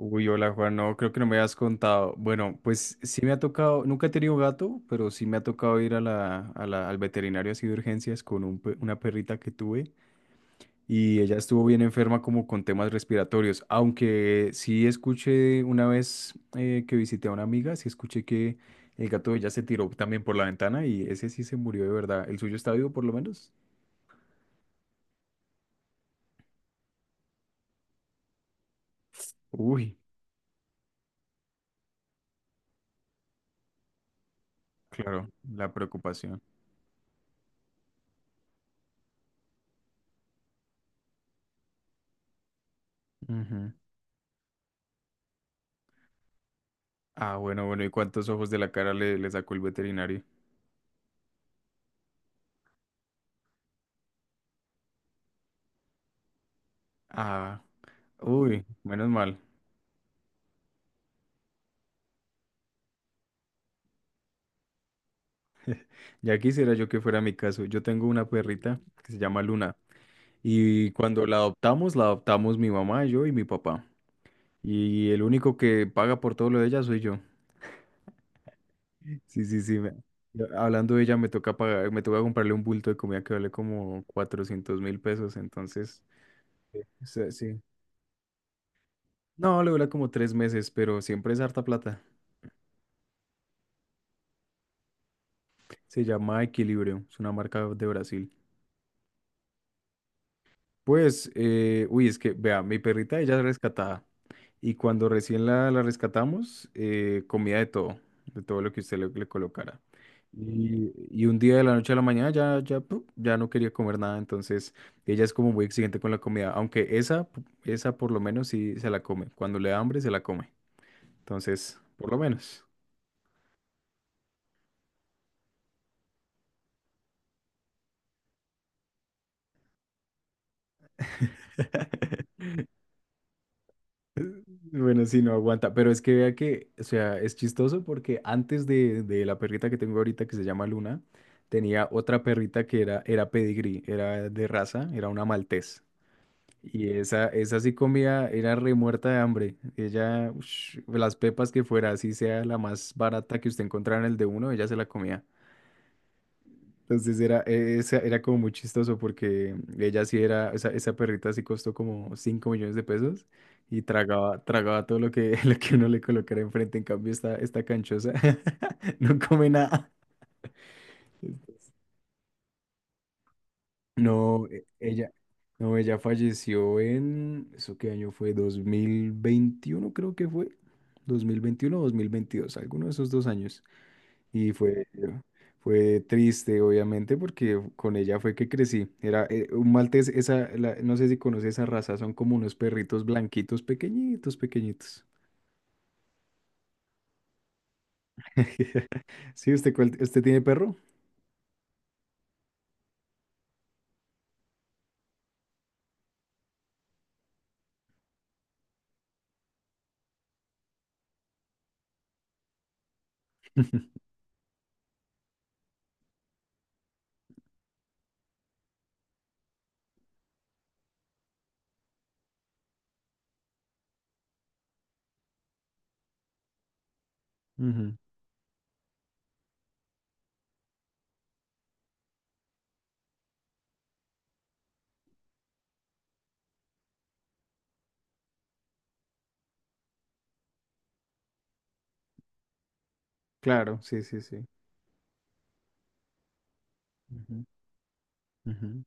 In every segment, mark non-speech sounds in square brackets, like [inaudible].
Uy, hola Juan, no, creo que no me habías contado. Bueno, pues sí me ha tocado, nunca he tenido gato, pero sí me ha tocado ir al veterinario así de urgencias con una perrita que tuve y ella estuvo bien enferma como con temas respiratorios, aunque sí escuché una vez que visité a una amiga, sí escuché que el gato de ella se tiró también por la ventana y ese sí se murió de verdad. ¿El suyo está vivo por lo menos? Uy, claro, la preocupación. Ujú. Ah, bueno, bueno, ¿y cuántos ojos de la cara le sacó el veterinario? Ah, uy, menos mal. Ya quisiera yo que fuera mi caso. Yo tengo una perrita que se llama Luna y cuando la adoptamos mi mamá, yo y mi papá. Y el único que paga por todo lo de ella soy yo. Sí, sí, sí. Hablando de ella, me toca comprarle un bulto de comida que vale como 400.000 pesos, entonces, o sea, sí. No, le dura como 3 meses, pero siempre es harta plata. Se llama Equilibrio, es una marca de Brasil. Pues, uy, es que, vea, mi perrita ella es rescatada. Y cuando recién la rescatamos, comía de todo lo que usted le colocara. Y un día de la noche a la mañana ya no quería comer nada. Entonces, ella es como muy exigente con la comida. Aunque esa por lo menos sí se la come. Cuando le da hambre, se la come. Entonces, por lo menos. [laughs] Bueno, sí, no aguanta, pero es que vea que, o sea, es chistoso porque antes de la perrita que tengo ahorita que se llama Luna, tenía otra perrita que era pedigrí, era de raza, era una maltés. Y esa sí comía, era remuerta de hambre. Ella, ush, las pepas que fuera, así sea la más barata que usted encontrara en el de uno, ella se la comía. Entonces era como muy chistoso porque ella sí era, esa perrita sí costó como 5 millones de pesos y tragaba todo lo que, [laughs] lo que uno le colocara enfrente. En cambio, esta canchosa [laughs] no come nada. No, ella falleció en, ¿eso qué año fue? 2021 creo que fue. 2021 o 2022, alguno de esos dos años. Y fue triste, obviamente, porque con ella fue que crecí. Era un maltés, no sé si conoces esa raza, son como unos perritos blanquitos, pequeñitos, pequeñitos. [laughs] Sí, usted tiene perro? [laughs] Ujú, claro, sí, sí, sí. Ujú, ujú.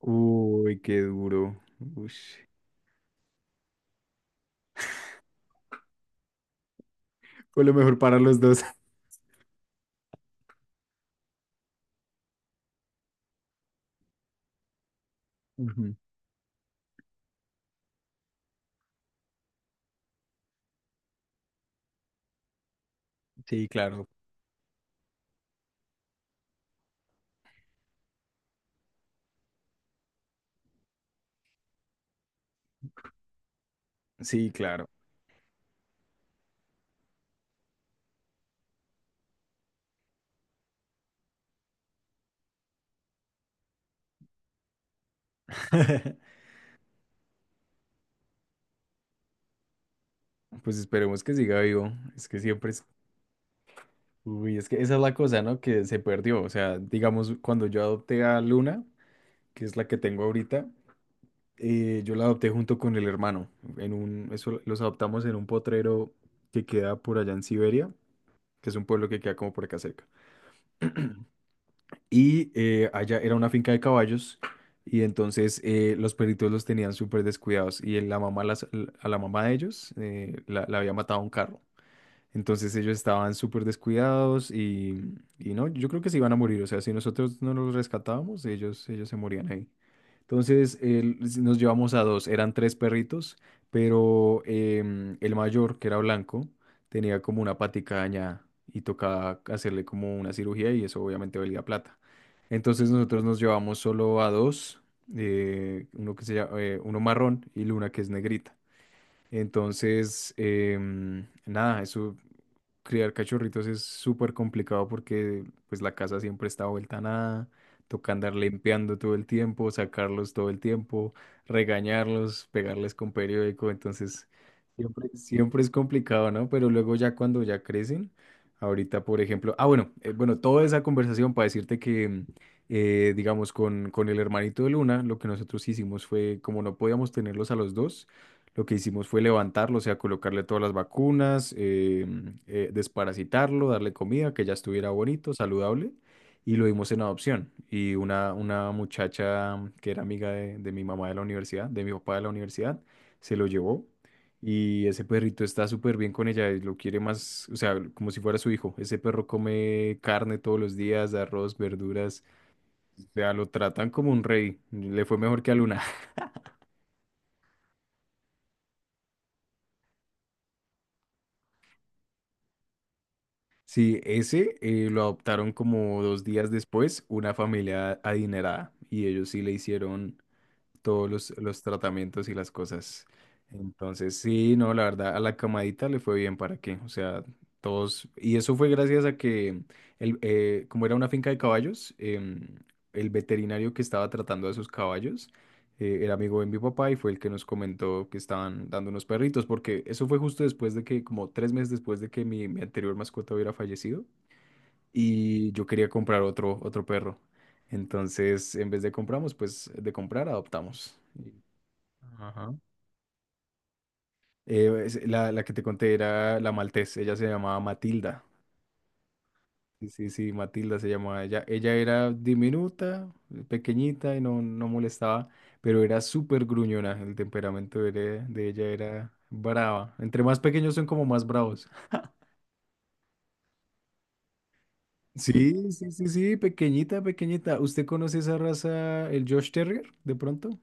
Uy, qué duro. Ush. Fue lo mejor para los dos. [laughs] Ujú, sí, claro. Sí, claro. [laughs] Pues esperemos que siga vivo. Es que siempre es. Uy, es que esa es la cosa, ¿no? Que se perdió. O sea, digamos, cuando yo adopté a Luna, que es la que tengo ahorita, yo la adopté junto con el hermano. Eso los adoptamos en un potrero que queda por allá en Siberia, que es un pueblo que queda como por acá cerca. Y allá era una finca de caballos y entonces los perritos los tenían súper descuidados y a la mamá de ellos la había matado un carro. Entonces ellos estaban súper descuidados y no, yo creo que se iban a morir. O sea, si nosotros no los rescatábamos, ellos se morían ahí. Entonces nos llevamos a dos, eran tres perritos, pero el mayor, que era blanco, tenía como una patica dañada y tocaba hacerle como una cirugía y eso obviamente valía plata. Entonces nosotros nos llevamos solo a dos, uno marrón y Luna que es negrita. Entonces, nada, eso criar cachorritos es súper complicado porque pues la casa siempre está vuelta a nada, toca andar limpiando todo el tiempo, sacarlos todo el tiempo, regañarlos, pegarles con periódico, entonces siempre, siempre es complicado, ¿no? Pero luego ya cuando ya crecen, ahorita por ejemplo, ah bueno, bueno, toda esa conversación para decirte que digamos con el hermanito de Luna, lo que nosotros hicimos fue como no podíamos tenerlos a los dos, lo que hicimos fue levantarlo, o sea, colocarle todas las vacunas, desparasitarlo, darle comida, que ya estuviera bonito, saludable, y lo dimos en adopción. Y una muchacha que era amiga de mi mamá de la universidad, de mi papá de la universidad, se lo llevó. Y ese perrito está súper bien con ella, y lo quiere más, o sea, como si fuera su hijo. Ese perro come carne todos los días, arroz, verduras, o sea, lo tratan como un rey. Le fue mejor que a Luna. Sí, ese lo adoptaron como 2 días después una familia adinerada y ellos sí le hicieron todos los tratamientos y las cosas. Entonces, sí, no, la verdad, a la camadita le fue bien, ¿para qué? O sea, todos, y eso fue gracias a que, como era una finca de caballos, el veterinario que estaba tratando a esos caballos era amigo de mi papá y fue el que nos comentó que estaban dando unos perritos, porque eso fue justo después de que, como 3 meses después de que mi anterior mascota hubiera fallecido y yo quería comprar otro perro. Entonces, en vez de compramos, pues de comprar, adoptamos. Y. Ajá. La que te conté era la maltés, ella se llamaba Matilda. Sí, sí, sí, Matilda se llamaba ella. Ella era diminuta, pequeñita y no, no molestaba, pero era súper gruñona. El temperamento de ella era brava. Entre más pequeños son como más bravos. [laughs] Sí, sí, sí, sí, pequeñita, pequeñita. ¿Usted conoce esa raza, el Josh Terrier, de pronto?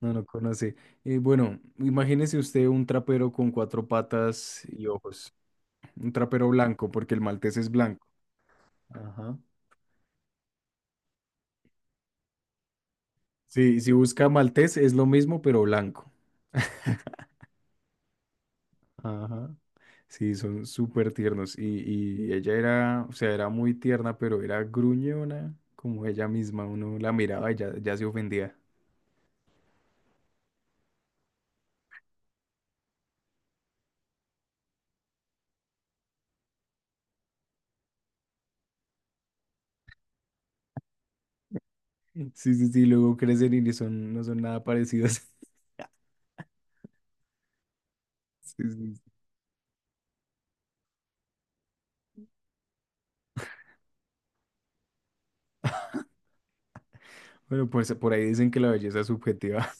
No lo conoce. Bueno, imagínese usted un trapero con cuatro patas y ojos. Un trapero blanco, porque el maltés es blanco. Ajá. Sí, si busca maltés es lo mismo, pero blanco. Ajá. Sí, son súper tiernos. Y ella era, o sea, era muy tierna, pero era gruñona, como ella misma. Uno la miraba y ya, ya se ofendía. Sí, sí, sí, luego crecen y ni son, no son nada parecidos. [laughs] Sí, sí. Bueno, pues por ahí dicen que la belleza es subjetiva.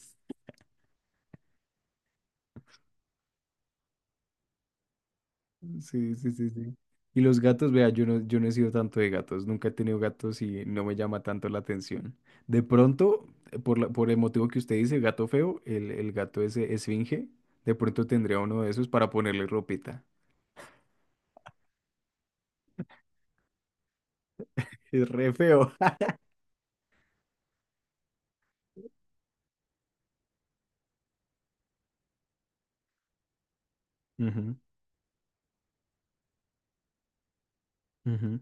Sí, sí, sí, sí. Y los gatos, vea, yo no he sido tanto de gatos, nunca he tenido gatos y no me llama tanto la atención. De pronto, por el motivo que usted dice, gato feo, el gato ese esfinge, de pronto tendría uno de esos para ponerle ropita. Es re feo. [laughs] Ujú, ujú.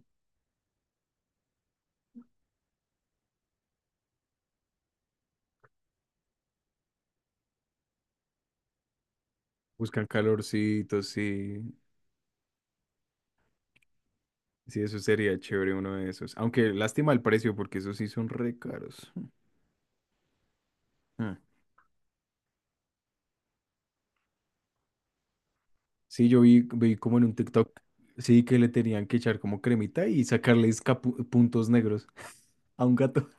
Buscan calorcitos, sí. Sí, eso sería chévere uno de esos. Aunque lástima el precio, porque esos sí son re caros. Ah. Sí, yo vi como en un TikTok, sí, que le tenían que echar como cremita y sacarles puntos negros [laughs] a un gato.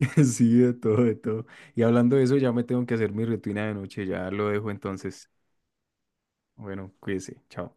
[laughs] Sí, de todo, de todo. Y hablando de eso, ya me tengo que hacer mi rutina de noche, ya lo dejo entonces. Bueno, cuídese, chao.